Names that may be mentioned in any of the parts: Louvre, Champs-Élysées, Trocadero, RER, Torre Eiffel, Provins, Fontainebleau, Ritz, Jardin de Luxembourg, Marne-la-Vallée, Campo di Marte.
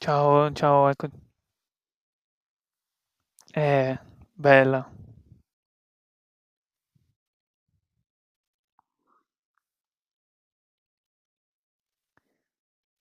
Ciao, ciao, ecco. Eh, bella.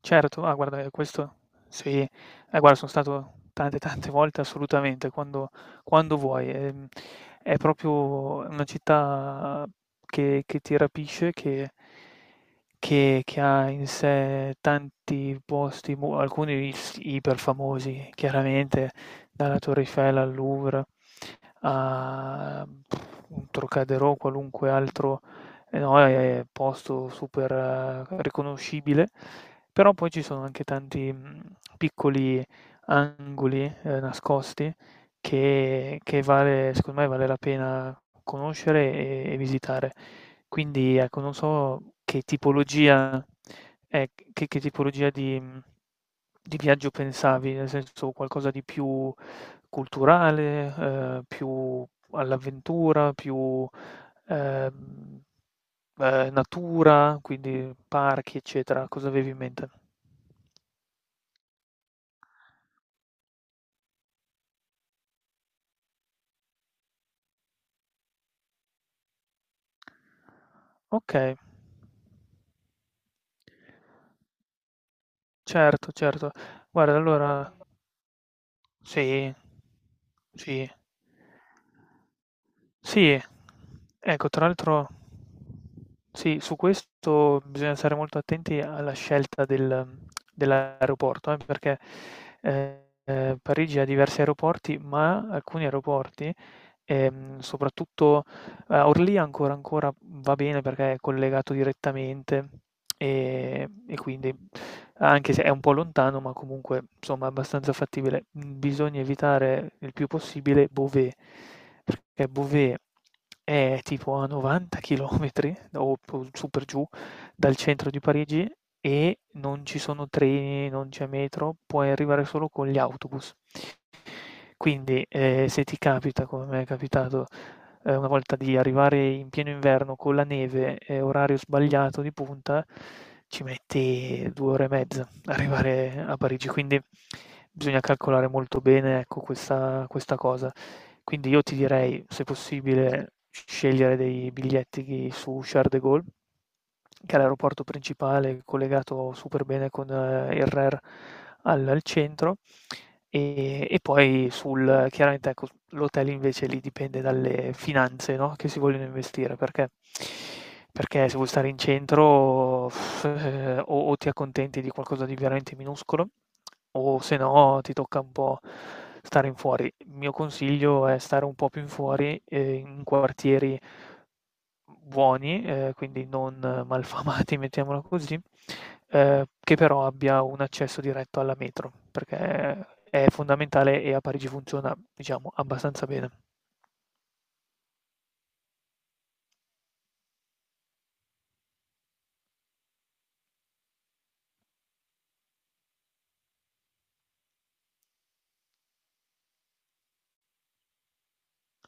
Certo, ah guarda, questo sì. Guarda, sono stato tante, tante volte assolutamente, quando vuoi. È proprio una città che ti rapisce, che ha in sé tanti posti, mo alcuni is iperfamosi, chiaramente, dalla Torre Eiffel al Louvre a un Trocadero, qualunque altro, no, posto super riconoscibile, però poi ci sono anche tanti, piccoli angoli, nascosti che vale secondo me vale la pena conoscere e visitare. Quindi ecco, non so che tipologia di viaggio pensavi, nel senso qualcosa di più culturale, più all'avventura, più, ehm, natura, quindi parchi, eccetera. Cosa avevi in mente? Okay. Certo, certo. Guarda, allora. Sì. Sì. Sì. Ecco, tra l'altro sì, su questo bisogna stare molto attenti alla scelta dell'aeroporto, perché, Parigi ha diversi aeroporti, ma alcuni aeroporti, soprattutto. Orly ancora ancora va bene perché è collegato direttamente, e quindi anche se è un po' lontano, ma comunque insomma è abbastanza fattibile. Mhmm, bisogna evitare il più possibile Beauvais, perché Beauvais è tipo a 90 chilometri o p su per giù dal centro di Parigi, e non ci sono treni, non c'è metro, puoi arrivare solo con gli autobus. Quindi, se ti capita, come m'è capitato, una volta di arrivare in pieno inverno con la neve e orario sbagliato di punta, ci metti 2 ore e mezza ad arrivare a Parigi, quindi bisogna calcolare molto bene, ecco, questa cosa. Quindi io ti direi, se possibile, scegliere dei biglietti su Charles de Gaulle, che è l'aeroporto principale collegato super bene con il RER al centro. E poi sul chiaramente ecco, l'hotel invece lì dipende dalle finanze, no, che si vogliono investire, perché se vuoi stare in centro, o ti accontenti di qualcosa di veramente minuscolo, o se no ti tocca un po' stare in fuori. Il mio consiglio è stare un po' più in fuori, in quartieri buoni, quindi non malfamati, mettiamola così, che però abbia un accesso diretto alla metro, perché è fondamentale e a Parigi funziona, diciamo, abbastanza bene.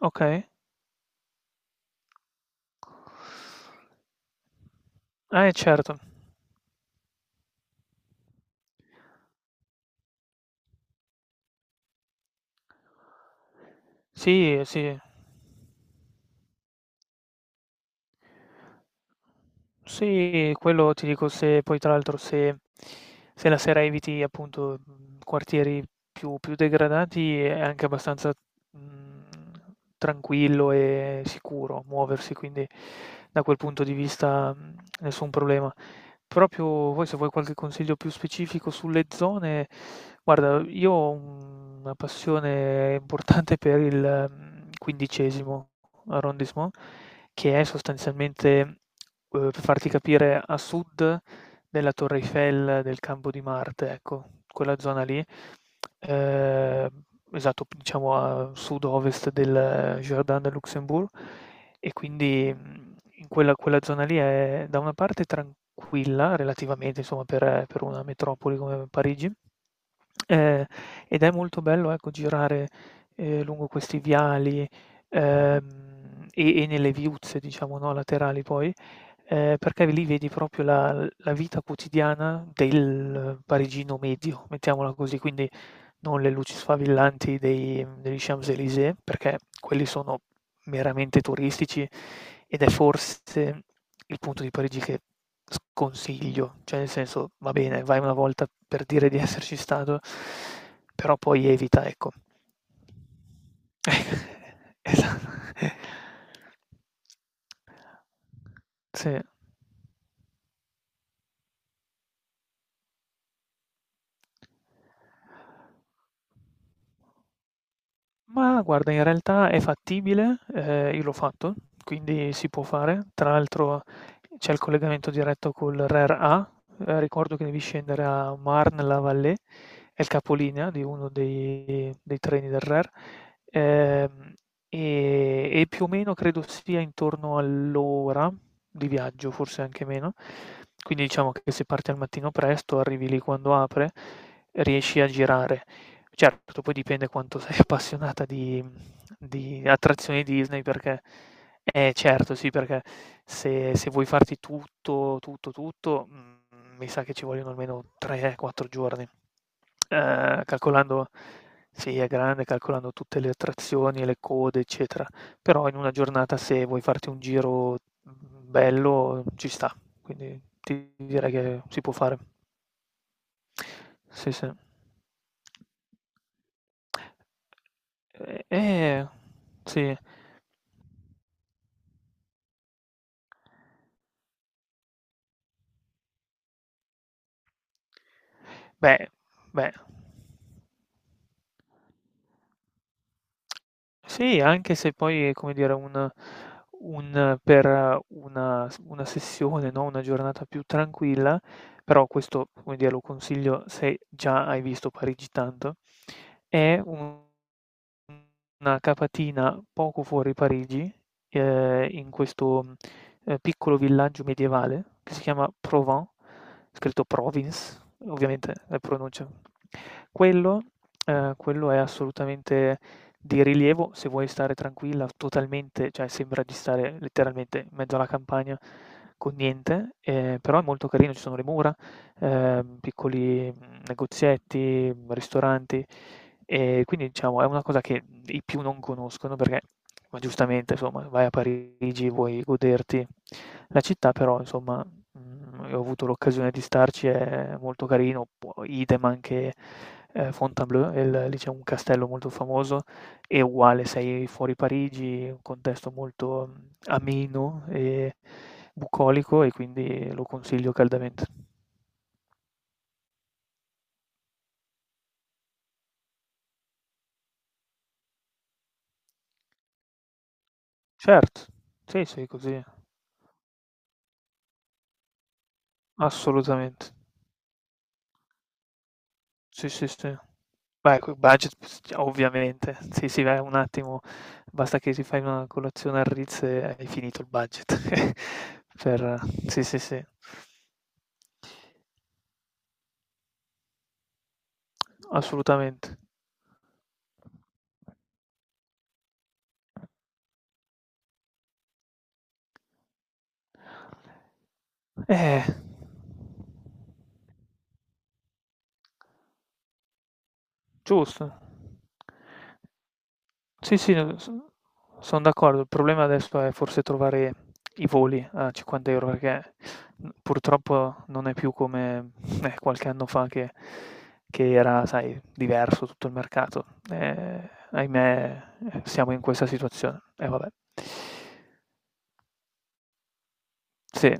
Ok? Certo. Sì, sì. Sì, quello ti dico se poi tra l'altro se la sera eviti appunto, quartieri più degradati è anche abbastanza, mhmm, tranquillo e sicuro muoversi, quindi da quel punto di vista, nessun problema. Proprio poi se vuoi qualche consiglio più specifico sulle zone, guarda io ho una passione importante per il, 15º arrondissement, che è sostanzialmente... Per farti capire, a sud della Torre Eiffel, del Campo di Marte, ecco, quella zona lì, ehm, esatto, p diciamo a sud-ovest del Jardin de Luxembourg, e quindi, in quella zona lì è da una parte tranquilla relativamente, insomma, per una metropoli come Parigi. Ehm, ed è molto bello, ecco, girare, lungo questi viali, ehm, e nelle viuzze, diciamo, no, laterali poi, perché lì vedi proprio la vita quotidiana del parigino medio, mettiamola così. Quindi non le luci sfavillanti dei degli Champs-Élysées, perché quelli sono meramente turistici, ed è forse il punto di Parigi che sconsiglio, cioè nel senso va bene, vai una volta per dire di esserci stato, però poi evita, ecco. Esatto. Sì. Ma guarda, in realtà è fattibile, io l'ho fatto, quindi si può fare. Tra l'altro c'è il collegamento diretto col RER A, ricordo che devi scendere a Marne-la-Vallée, è il capolinea di uno dei treni del RER, ehm, e più o meno credo sia intorno all'ora di viaggio, forse anche meno. Quindi diciamo che se parti al mattino presto, arrivi lì quando apre, riesci a girare. Certo, poi dipende quanto sei appassionata di attrazioni Disney perché... Eh, certo sì, perché se vuoi farti tutto, tutto, tutto, mi sa che ci vogliono almeno 3, 4 giorni. Calcolando sì, è grande, calcolando tutte le attrazioni, le code, eccetera, però in una giornata se vuoi farti un giro, bello ci sta, quindi ti direi che si può fare. Sì, sì. E sì. Beh, beh. Sì, anche se poi è come dire un per una sessione, no, una giornata più tranquilla, però questo, come dire, lo consiglio se già hai visto Parigi tanto. È un Una capatina poco fuori Parigi, in questo, piccolo villaggio medievale che si chiama Provins, scritto Province, ovviamente la pronuncia. Quello quello è assolutamente di rilievo se vuoi stare tranquilla, totalmente cioè sembra di stare letteralmente in mezzo alla campagna con niente, però è molto carino, ci sono le mura, piccoli, negozietti, ristoranti. Quindi diciamo è una cosa che i più non conoscono perché, ma giustamente insomma, vai a Parigi, vuoi goderti la città, però insomma, e ho avuto l'occasione di starci, è molto carino, poi idem anche, Fontainebleau, e l lì c'è un castello molto famoso, è uguale, sei fuori Parigi, un contesto molto, ameno e bucolico, e quindi lo consiglio caldamente. Cert sì, sì, così assolutamente. Sì, sì, sì. Beh, col budget s ovviamente. Sì, sì, beh, un attimo, basta che ti fai una colazione al Ritz e hai finito il budget per sì, sì, sì. Assolutamente. Eh, giusto. Sì, sì, no, son d'accordo. Il problema adesso è forse trovare i voli a 50 € perché, purtroppo non è più come, qualche anno fa che era, sai, diverso tutto il mercato. Ahimè, siamo in questa situazione. E vabbè. Sì.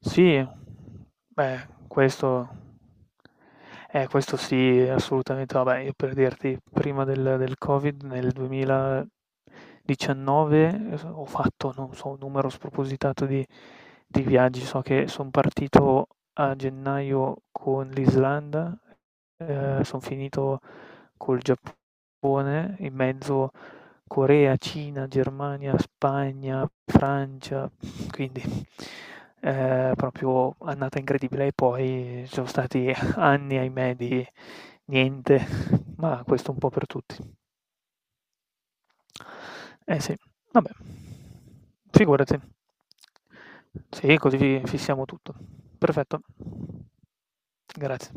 Sì, beh, questo sì, assolutamente. Vabbè, io per dirti, prima del Covid, nel 2019, ho fatto, non so, un numero spropositato di viaggi. So che son partito a gennaio con l'Islanda, son finito col Giappone, in mezzo Corea, Cina, Germania, Spagna, Francia, quindi proprio annata incredibile e poi ci sono stati anni, ahimè, di niente, ma questo un po' per tutti. Eh sì, vabbè, figurati. Sì, così fissiamo tutto. Perfetto. Grazie.